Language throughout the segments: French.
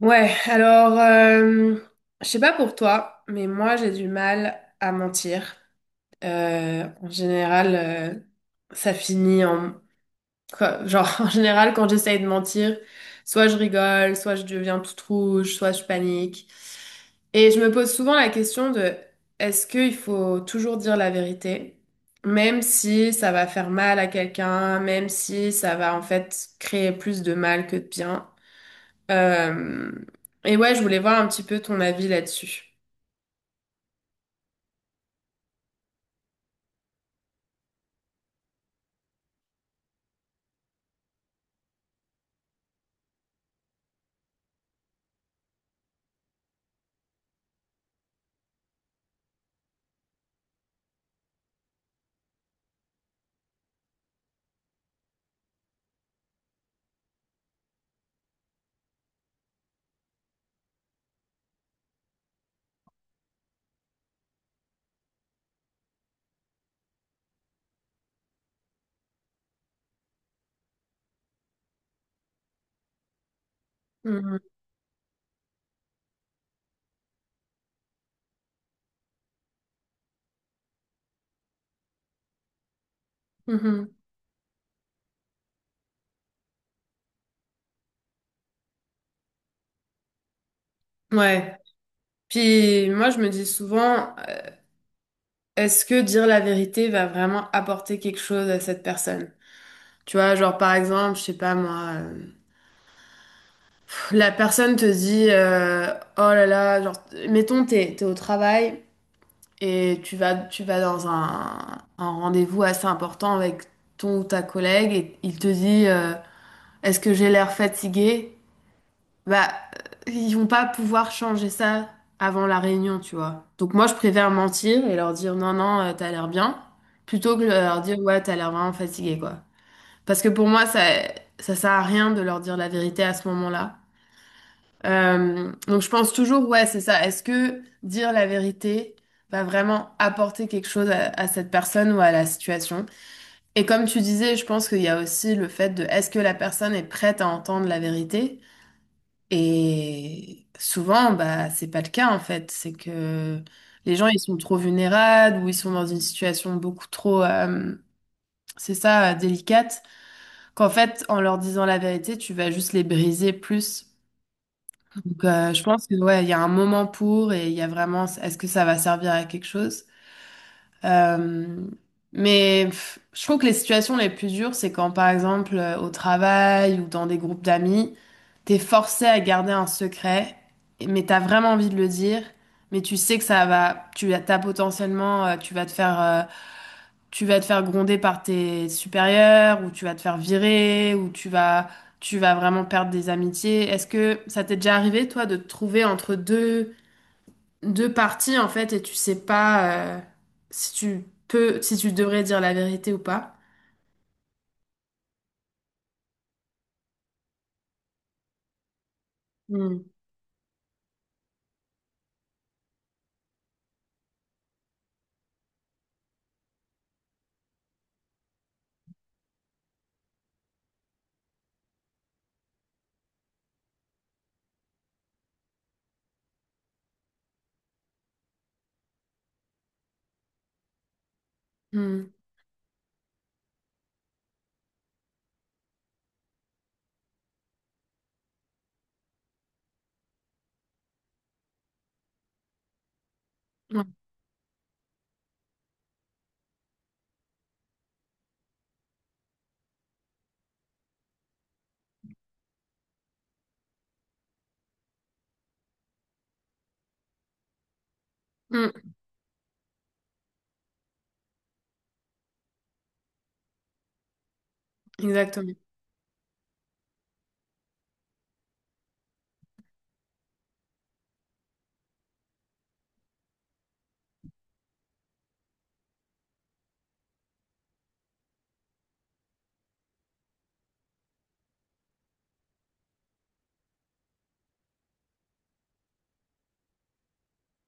Ouais, alors, je sais pas pour toi, mais moi j'ai du mal à mentir. En général, ça finit en... genre, en général, quand j'essaye de mentir, soit je rigole, soit je deviens toute rouge, soit je panique. Et je me pose souvent la question de, est-ce qu'il faut toujours dire la vérité, même si ça va faire mal à quelqu'un, même si ça va en fait créer plus de mal que de bien? Euh, et ouais, je voulais voir un petit peu ton avis là-dessus. Mhm. Mhm. Ouais. Puis moi, je me dis souvent, est-ce que dire la vérité va vraiment apporter quelque chose à cette personne? Tu vois, genre par exemple, je sais pas moi, pff, la personne te dit, oh là là, genre, mettons, t'es au travail et tu vas dans un rendez-vous assez important avec ton ou ta collègue et il te dit, est-ce que j'ai l'air fatigué? Bah, ils vont pas pouvoir changer ça avant la réunion, tu vois. Donc moi, je préfère mentir et leur dire non, non, t'as l'air bien, plutôt que leur dire ouais, t'as l'air vraiment fatigué, quoi. Parce que pour moi, ça sert à rien de leur dire la vérité à ce moment-là. Donc je pense toujours, ouais, c'est ça. Est-ce que dire la vérité va vraiment apporter quelque chose à cette personne ou à la situation? Et comme tu disais, je pense qu'il y a aussi le fait de est-ce que la personne est prête à entendre la vérité? Et souvent, bah, c'est pas le cas en fait. C'est que les gens, ils sont trop vulnérables ou ils sont dans une situation beaucoup trop, c'est ça, délicate, qu'en fait, en leur disant la vérité, tu vas juste les briser plus. Donc, je pense que ouais, il y a un moment pour et il y a vraiment, est-ce que ça va servir à quelque chose? Euh, mais pff, je trouve que les situations les plus dures, c'est quand, par exemple, au travail ou dans des groupes d'amis, t'es forcé à garder un secret, mais t'as vraiment envie de le dire, mais tu sais que ça va, tu as potentiellement, tu vas te faire, tu vas te faire gronder par tes supérieurs, ou tu vas te faire virer, ou tu vas vraiment perdre des amitiés. Est-ce que ça t'est déjà arrivé, toi, de te trouver entre deux parties en fait et tu sais pas si tu peux, si tu devrais dire la vérité ou pas. Hmm. Hmm. Ouais. Hmm. Exactement.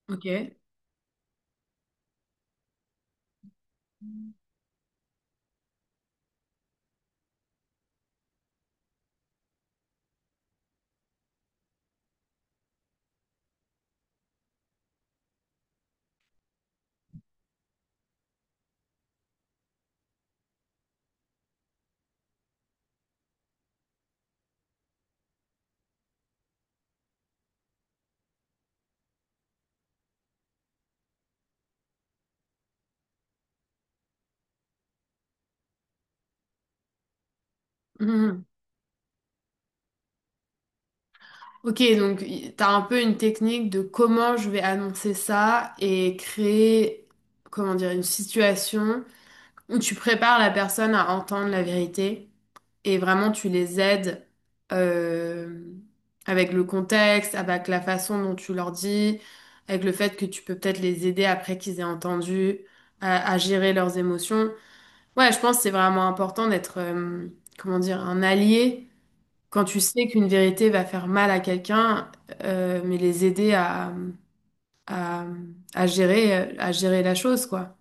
Ok. Hmm. Ok, donc t'as un peu une technique de comment je vais annoncer ça et créer, comment dire, une situation. Tu prépares la personne à entendre la vérité et vraiment tu les aides euh, avec le contexte, avec la façon dont tu leur dis, avec le fait que tu peux peut-être les aider après qu'ils aient entendu à gérer leurs émotions. Ouais, je pense que c'est vraiment important d'être, comment dire, un allié quand tu sais qu'une vérité va faire mal à quelqu'un, mais les aider à, à gérer la chose, quoi.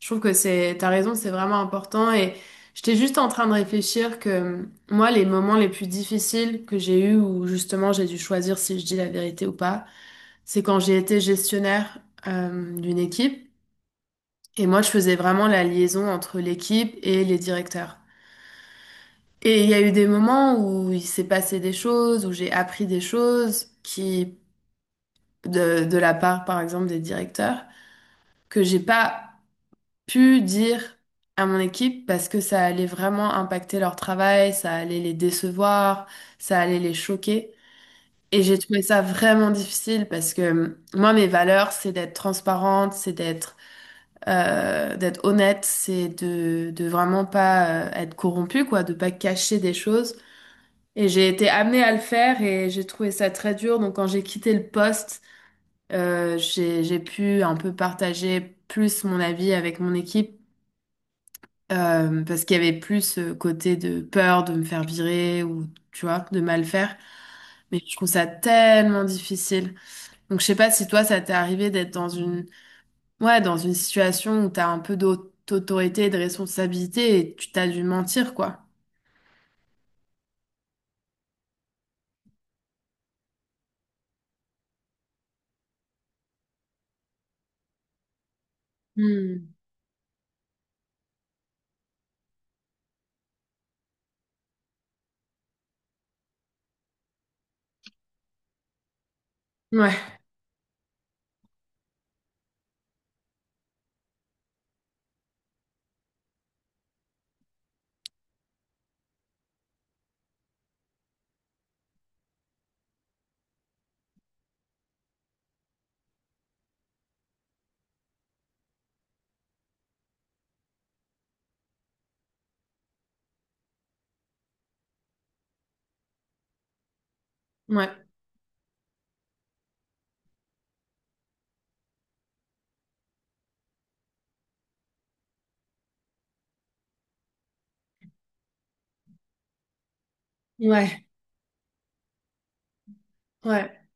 Je trouve que c'est, t'as raison, c'est vraiment important. Et j'étais juste en train de réfléchir que moi, les moments les plus difficiles que j'ai eus où justement j'ai dû choisir si je dis la vérité ou pas, c'est quand j'ai été gestionnaire d'une équipe. Et moi, je faisais vraiment la liaison entre l'équipe et les directeurs. Et il y a eu des moments où il s'est passé des choses, où j'ai appris des choses qui, de la part, par exemple, des directeurs, que j'ai pas pu dire à mon équipe parce que ça allait vraiment impacter leur travail, ça allait les décevoir, ça allait les choquer. Et j'ai trouvé ça vraiment difficile parce que moi, mes valeurs, c'est d'être transparente, c'est d'être d'être honnête, c'est de vraiment pas être corrompue, quoi, de pas cacher des choses. Et j'ai été amenée à le faire et j'ai trouvé ça très dur. Donc quand j'ai quitté le poste, j'ai pu un peu partager plus mon avis avec mon équipe. Parce qu'il y avait plus ce côté de peur de me faire virer ou, tu vois, de mal faire. Mais je trouve ça tellement difficile. Donc, je sais pas si toi, ça t'est arrivé d'être dans une, ouais, dans une situation où t'as un peu d'autorité et de responsabilité et tu t'as dû mentir, quoi. Hmm. Ouais, ouais, ouais, ouais,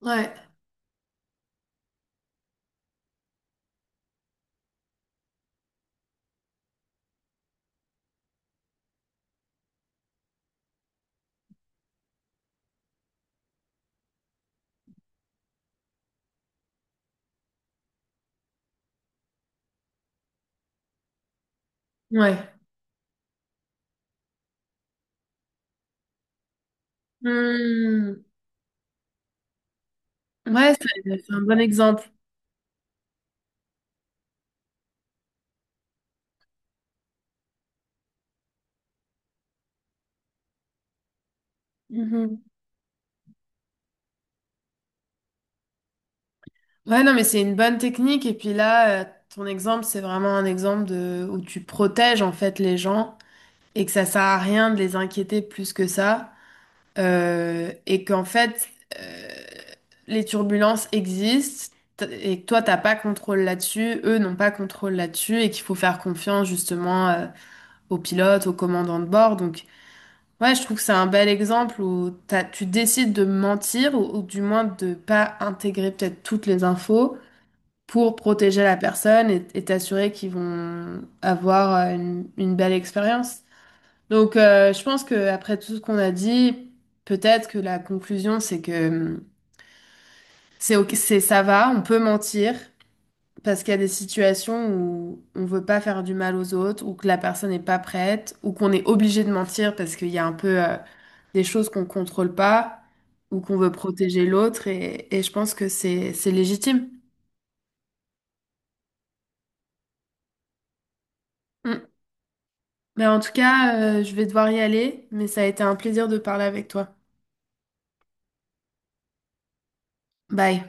ouais, ouais. Hmm. Ouais, c'est un bon exemple. Ouais, non, mais c'est une bonne technique. Et puis là, ton exemple, c'est vraiment un exemple de où tu protèges en fait les gens et que ça sert à rien de les inquiéter plus que ça. Et qu'en fait, euh, les turbulences existent et que toi, t'as pas contrôle là-dessus, eux n'ont pas contrôle là-dessus et qu'il faut faire confiance justement aux pilotes, aux commandants de bord. Donc, ouais, je trouve que c'est un bel exemple où tu décides de mentir ou du moins de pas intégrer peut-être toutes les infos pour protéger la personne et t'assurer qu'ils vont avoir une belle expérience. Donc, je pense que après tout ce qu'on a dit, peut-être que la conclusion, c'est que c'est ok, c'est ça va, on peut mentir parce qu'il y a des situations où on veut pas faire du mal aux autres, ou que la personne n'est pas prête, ou qu'on est obligé de mentir parce qu'il y a un peu des choses qu'on contrôle pas, ou qu'on veut protéger l'autre, et je pense que c'est légitime. Hum. Ben, en tout cas, je vais devoir y aller, mais ça a été un plaisir de parler avec toi. Bye.